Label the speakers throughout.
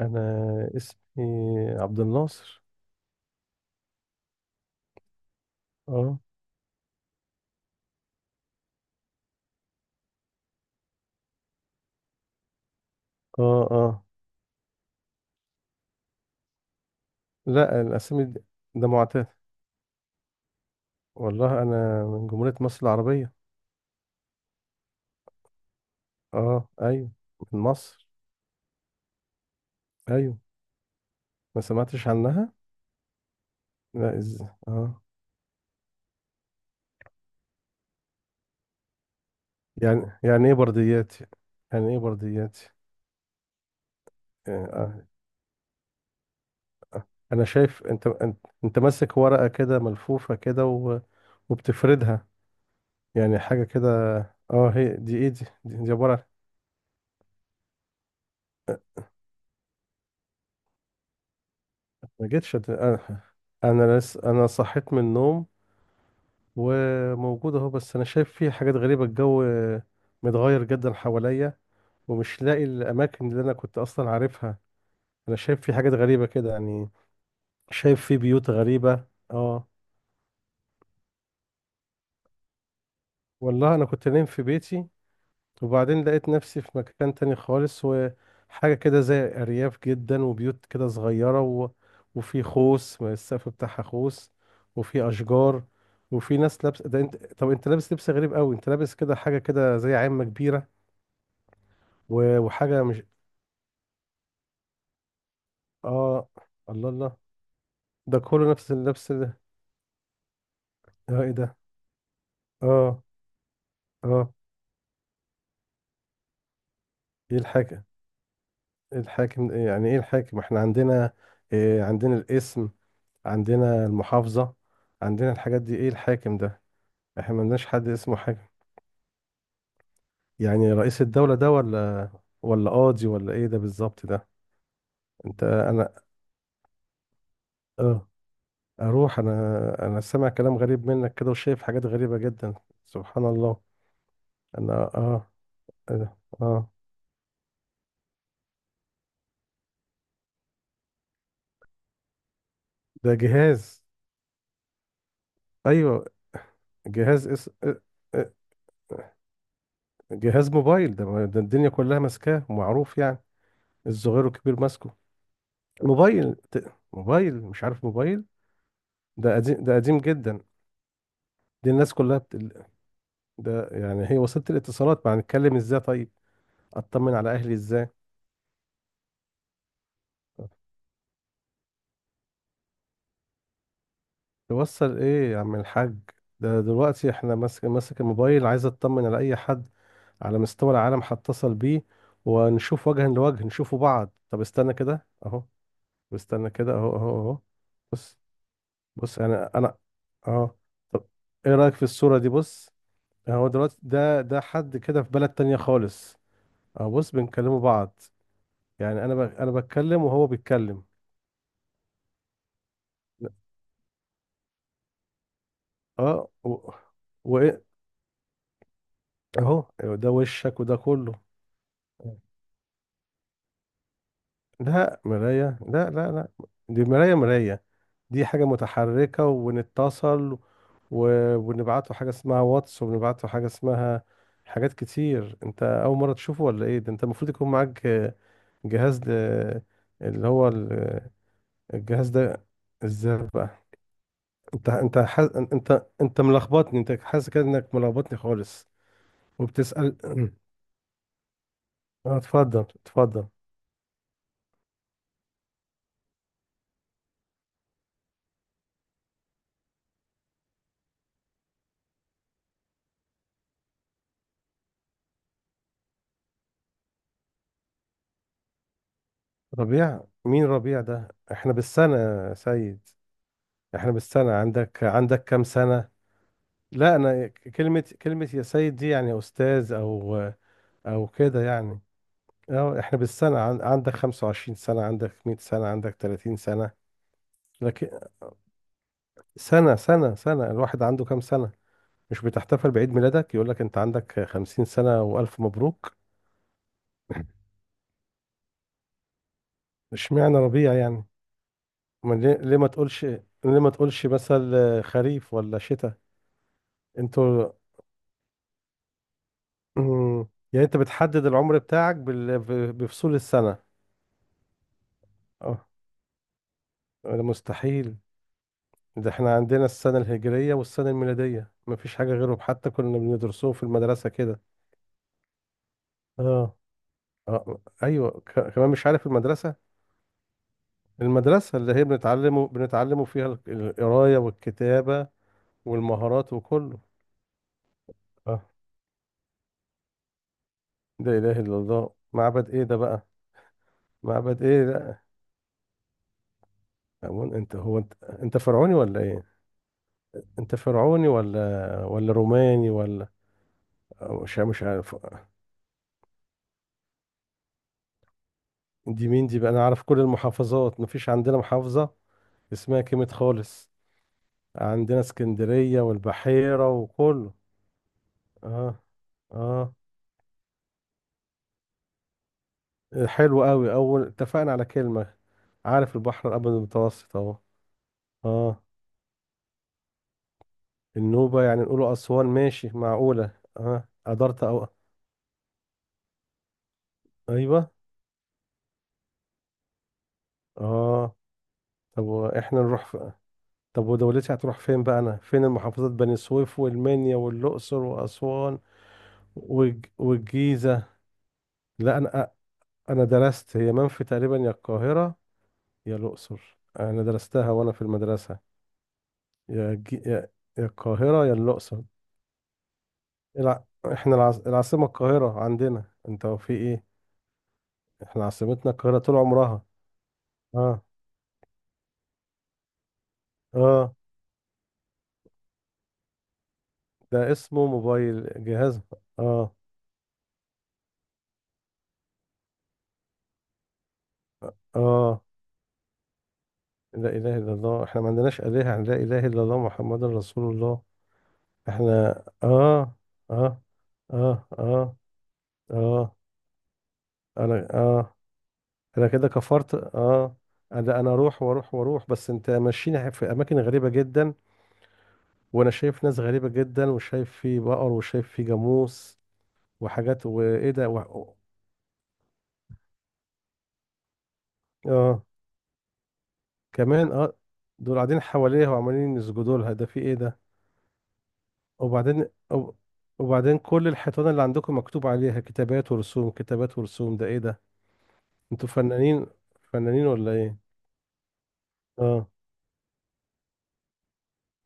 Speaker 1: انا اسمي عبد الناصر. اه اه. لا، ده معتاد. والله انا من جمهورية مصر العربية. اه، ايوه، من مصر. ايوه، ما سمعتش عنها. لا از اه يعني يعني ايه بردياتي؟ آه. آه. انا شايف انت ماسك ورقة كده ملفوفة كده وبتفردها، يعني حاجة كده. اه، هي دي ايه دي دي, دي عبارة عن... ما جيتش أت- انا انا صحيت من النوم وموجود اهو، بس انا شايف فيه حاجات غريبه. الجو متغير جدا حواليا ومش لاقي الاماكن اللي انا كنت اصلا عارفها. انا شايف فيه حاجات غريبه كده يعني، شايف فيه بيوت غريبه. اه. والله انا كنت نايم في بيتي وبعدين لقيت نفسي في مكان تاني خالص، وحاجة كده زي أرياف جدا وبيوت كده صغيرة وفي خوص، ما السقف بتاعها خوص، وفي أشجار وفي ناس لابس. ده انت طب انت لابس لبس غريب قوي، انت لابس كده حاجة كده زي عامة كبيرة وحاجة مش... اه، الله الله، ده كله نفس اللبس ده. اه، ايه ده. اه. اه. ايه الحاكم؟ ايه الحاكم؟ إيه يعني ايه الحاكم؟ احنا عندنا إيه؟ عندنا الاسم، عندنا المحافظة، عندنا الحاجات دي. ايه الحاكم ده؟ احنا ما لناش حد اسمه حاجة. يعني رئيس الدولة ده، ولا ولا قاضي ولا ايه ده بالظبط ده؟ انا اه اروح؟ انا انا سامع كلام غريب منك كده وشايف حاجات غريبة جدا، سبحان الله. انا اه... إيه ده؟ اه، ده جهاز. ايوه، جهاز. إيه- جهاز موبايل ده, ما- ده الدنيا كلها ماسكاه، معروف يعني، الصغير والكبير ماسكه. موبايل، مش عارف موبايل؟ ده قديم، ده قديم جدا. دي الناس كلها بت... ده يعني هي وسيلة الاتصالات. ما هنتكلم ازاي طيب؟ اطمن على اهلي ازاي؟ توصل ايه يا عم الحاج؟ ده دلوقتي احنا ماسك الموبايل، عايز اطمن على اي حد على مستوى العالم، هتصل بيه ونشوف وجها لوجه، نشوفوا بعض. طب استنى كده اهو، واستنى كده، اهو اهو اهو. بص. بص، انا اه... طب ايه رأيك في الصورة دي؟ بص، هو دلوقتي ده حد كده في بلد تانية خالص، اهو بص بنكلموا بعض. يعني انا بتكلم وهو بيتكلم. اه. وايه؟ اهو ده وشك وده كله. لا مراية، لا، دي مراية؟ مراية؟ دي حاجة متحركة ونتصل و... ونبعته حاجة اسمها واتس، ونبعته حاجة اسمها... حاجات كتير. انت اول مرة تشوفه ولا ايه؟ ده انت المفروض يكون معاك جهاز ده، اللي هو ال- الجهاز ده. ازاي بقى؟ انت ملخبطني. انت حاسس كده انك ملخبطني خالص. وبتسأل؟ اه، اتفضل اتفضل. ربيع مين ربيع ده؟ احنا بالسنة يا سيد، احنا بالسنة. عندك عندك كام سنة؟ لا انا كلمة يا سيد دي يعني استاذ او او كده يعني. اه، احنا بالسنة، عندك 25 سنة؟ عندك 100 سنة؟ عندك 30 سنة؟ لكن سنة، سنة، الواحد عنده كام سنة؟ مش بتحتفل بعيد ميلادك، يقول لك انت عندك 50 سنة والف مبروك؟ اشمعنى ربيع يعني؟ ما ليه؟ ليه ما تقولش؟ ليه ما تقولش مثلا خريف ولا شتاء؟ انتوا... مم. يعني انت بتحدد العمر بتاعك بفصول السنة؟ اه، ده مستحيل. ده احنا عندنا السنة الهجرية والسنة الميلادية، مفيش حاجة غيرهم، حتى كنا بندرسوهم في المدرسة كده. اه. اه ايوه، كمان مش عارف المدرسة؟ المدرسة اللي هي بنتعلمه بنتعلمه فيها القراية والكتابة والمهارات وكله. اه. لا اله الا الله، معبد ايه ده بقى؟ معبد ايه ده؟ هو انت انت فرعوني ولا ايه؟ انت فرعوني ولا ولا روماني ولا... مش مش عارف. دي مين دي بقى؟ انا عارف كل المحافظات، مفيش عندنا محافظة اسمها كلمة خالص، عندنا اسكندرية والبحيرة وكله. اه. اه، حلو قوي، اول اتفقنا على كلمة. عارف البحر الابيض المتوسط اهو. اه، النوبة يعني نقوله اسوان، ماشي معقولة. اه قدرت ايوه. اه. طب طب ودولتي هتروح فين بقى؟ انا فين المحافظات؟ بني سويف والمنيا والاقصر واسوان والجيزة. لا انا، انا درست هي منفي تقريبا، يا القاهره يا الاقصر، انا درستها وانا في المدرسه. يا جي... يا يا القاهره يا الاقصر. الع... العاصمه القاهره عندنا. انت هو في ايه؟ احنا عاصمتنا القاهره طول عمرها. اه. اه، ده اسمه موبايل، جهاز. اه. اه، لا اله الا الله، احنا ما عندناش الهه، لا اله الا الله محمد رسول الله. احنا اه... اه اه اه اه. انا اه... انا كده كفرت. اه. انا انا اروح واروح واروح بس انت ماشيين في اماكن غريبه جدا، وانا شايف ناس غريبه جدا، وشايف في بقر وشايف في جاموس وحاجات، وايه ده اه. كمان؟ اه. دول قاعدين حواليها وعمالين يسجدوا لها، ده في ايه ده؟ وبعدين وب- وبعدين كل الحيطان اللي عندكم مكتوب عليها كتابات ورسوم، كتابات ورسوم، ده ايه ده؟ انتوا فنانين؟ فنانين ولا ايه؟ اه.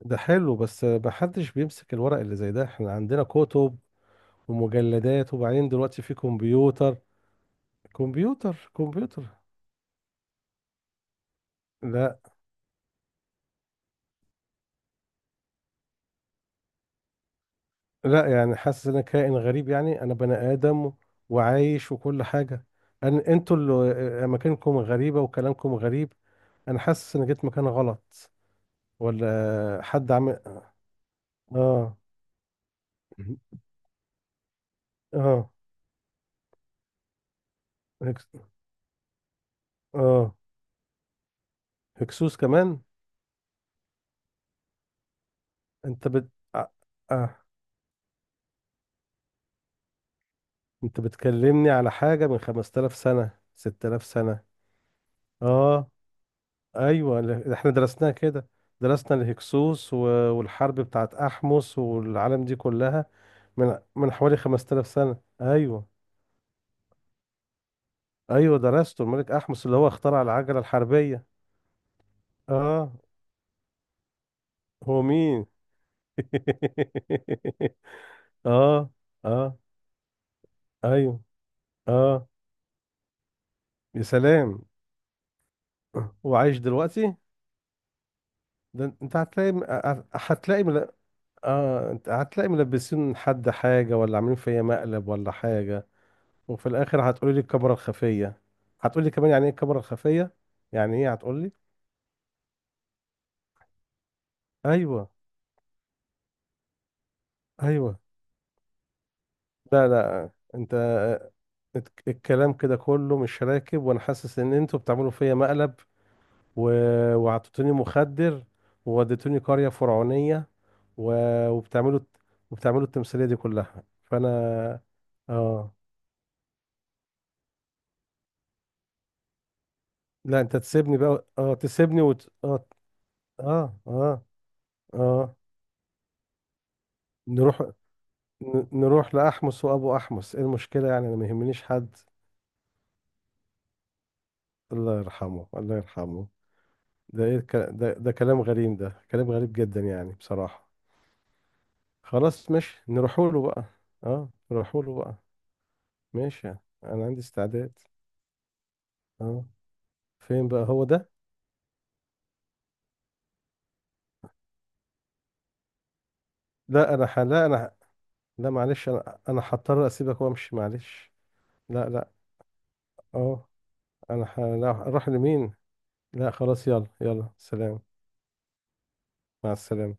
Speaker 1: ده حلو، بس محدش بيمسك الورق اللي زي ده، احنا عندنا كتب ومجلدات، وبعدين دلوقتي في كمبيوتر. كمبيوتر، كمبيوتر. لا، لا يعني حاسس ان انا كائن غريب؟ يعني انا بني ادم وعايش وكل حاجه. انا انتوا اللي مكانكم غريبه وكلامكم غريب. انا حاسس ان جيت مكان غلط، ولا حد عمل... اه. اه. هكس... اه، هكسوس كمان؟ انت بت... آه. آه. انت بتكلمني على حاجه من 5000 سنه، 6000 سنه. اه، ايوه احنا درسناها كده، درسنا الهكسوس والحرب بتاعت احمس والعالم دي كلها. من حوالي 5000 سنة، ايوه. ايوه درسته، الملك احمس اللي هو اخترع العجلة الحربية. اه. هو مين؟ اه. اه، ايوه. اه، يا سلام، وعايش دلوقتي؟ ده انت هتلاقي، هتلاقي مل... اه، انت هتلاقي ملبسين حد حاجة، ولا عاملين فيا مقلب ولا حاجة، وفي الاخر هتقولي لي الكاميرا الخفيه، هتقولي كمان يعني ايه الكاميرا الخفيه، يعني ايه هتقولي. ايوه. ايوه. لا، لا انت، الكلام كده كله مش راكب، وانا حاسس ان انتوا بتعملوا فيا مقلب و... وعطيتوني مخدر ووديتوني قريه فرعونيه و... وبتعملوا وبتعملوا التمثيليه دي كلها فانا. اه. لا انت تسيبني بقى. اه تسيبني اه. اه. اه. اه نروح، نروح لأحمس وأبو أحمس، إيه المشكلة؟ يعني أنا ما يهمنيش حد. الله يرحمه، الله يرحمه. ده كلام غريب، ده كلام غريب جدا يعني بصراحة. خلاص ماشي، نروحوا له بقى، أه نروحوا له بقى. ماشي يعني، أنا عندي استعداد. أه. فين بقى هو ده؟ لا أنا ح... لا أنا ح- لا معلش، أنا هضطر أسيبك وأمشي، معلش. لا لا. أه. لا، أروح لمين؟ لا خلاص، يلا يلا، سلام. مع السلامة.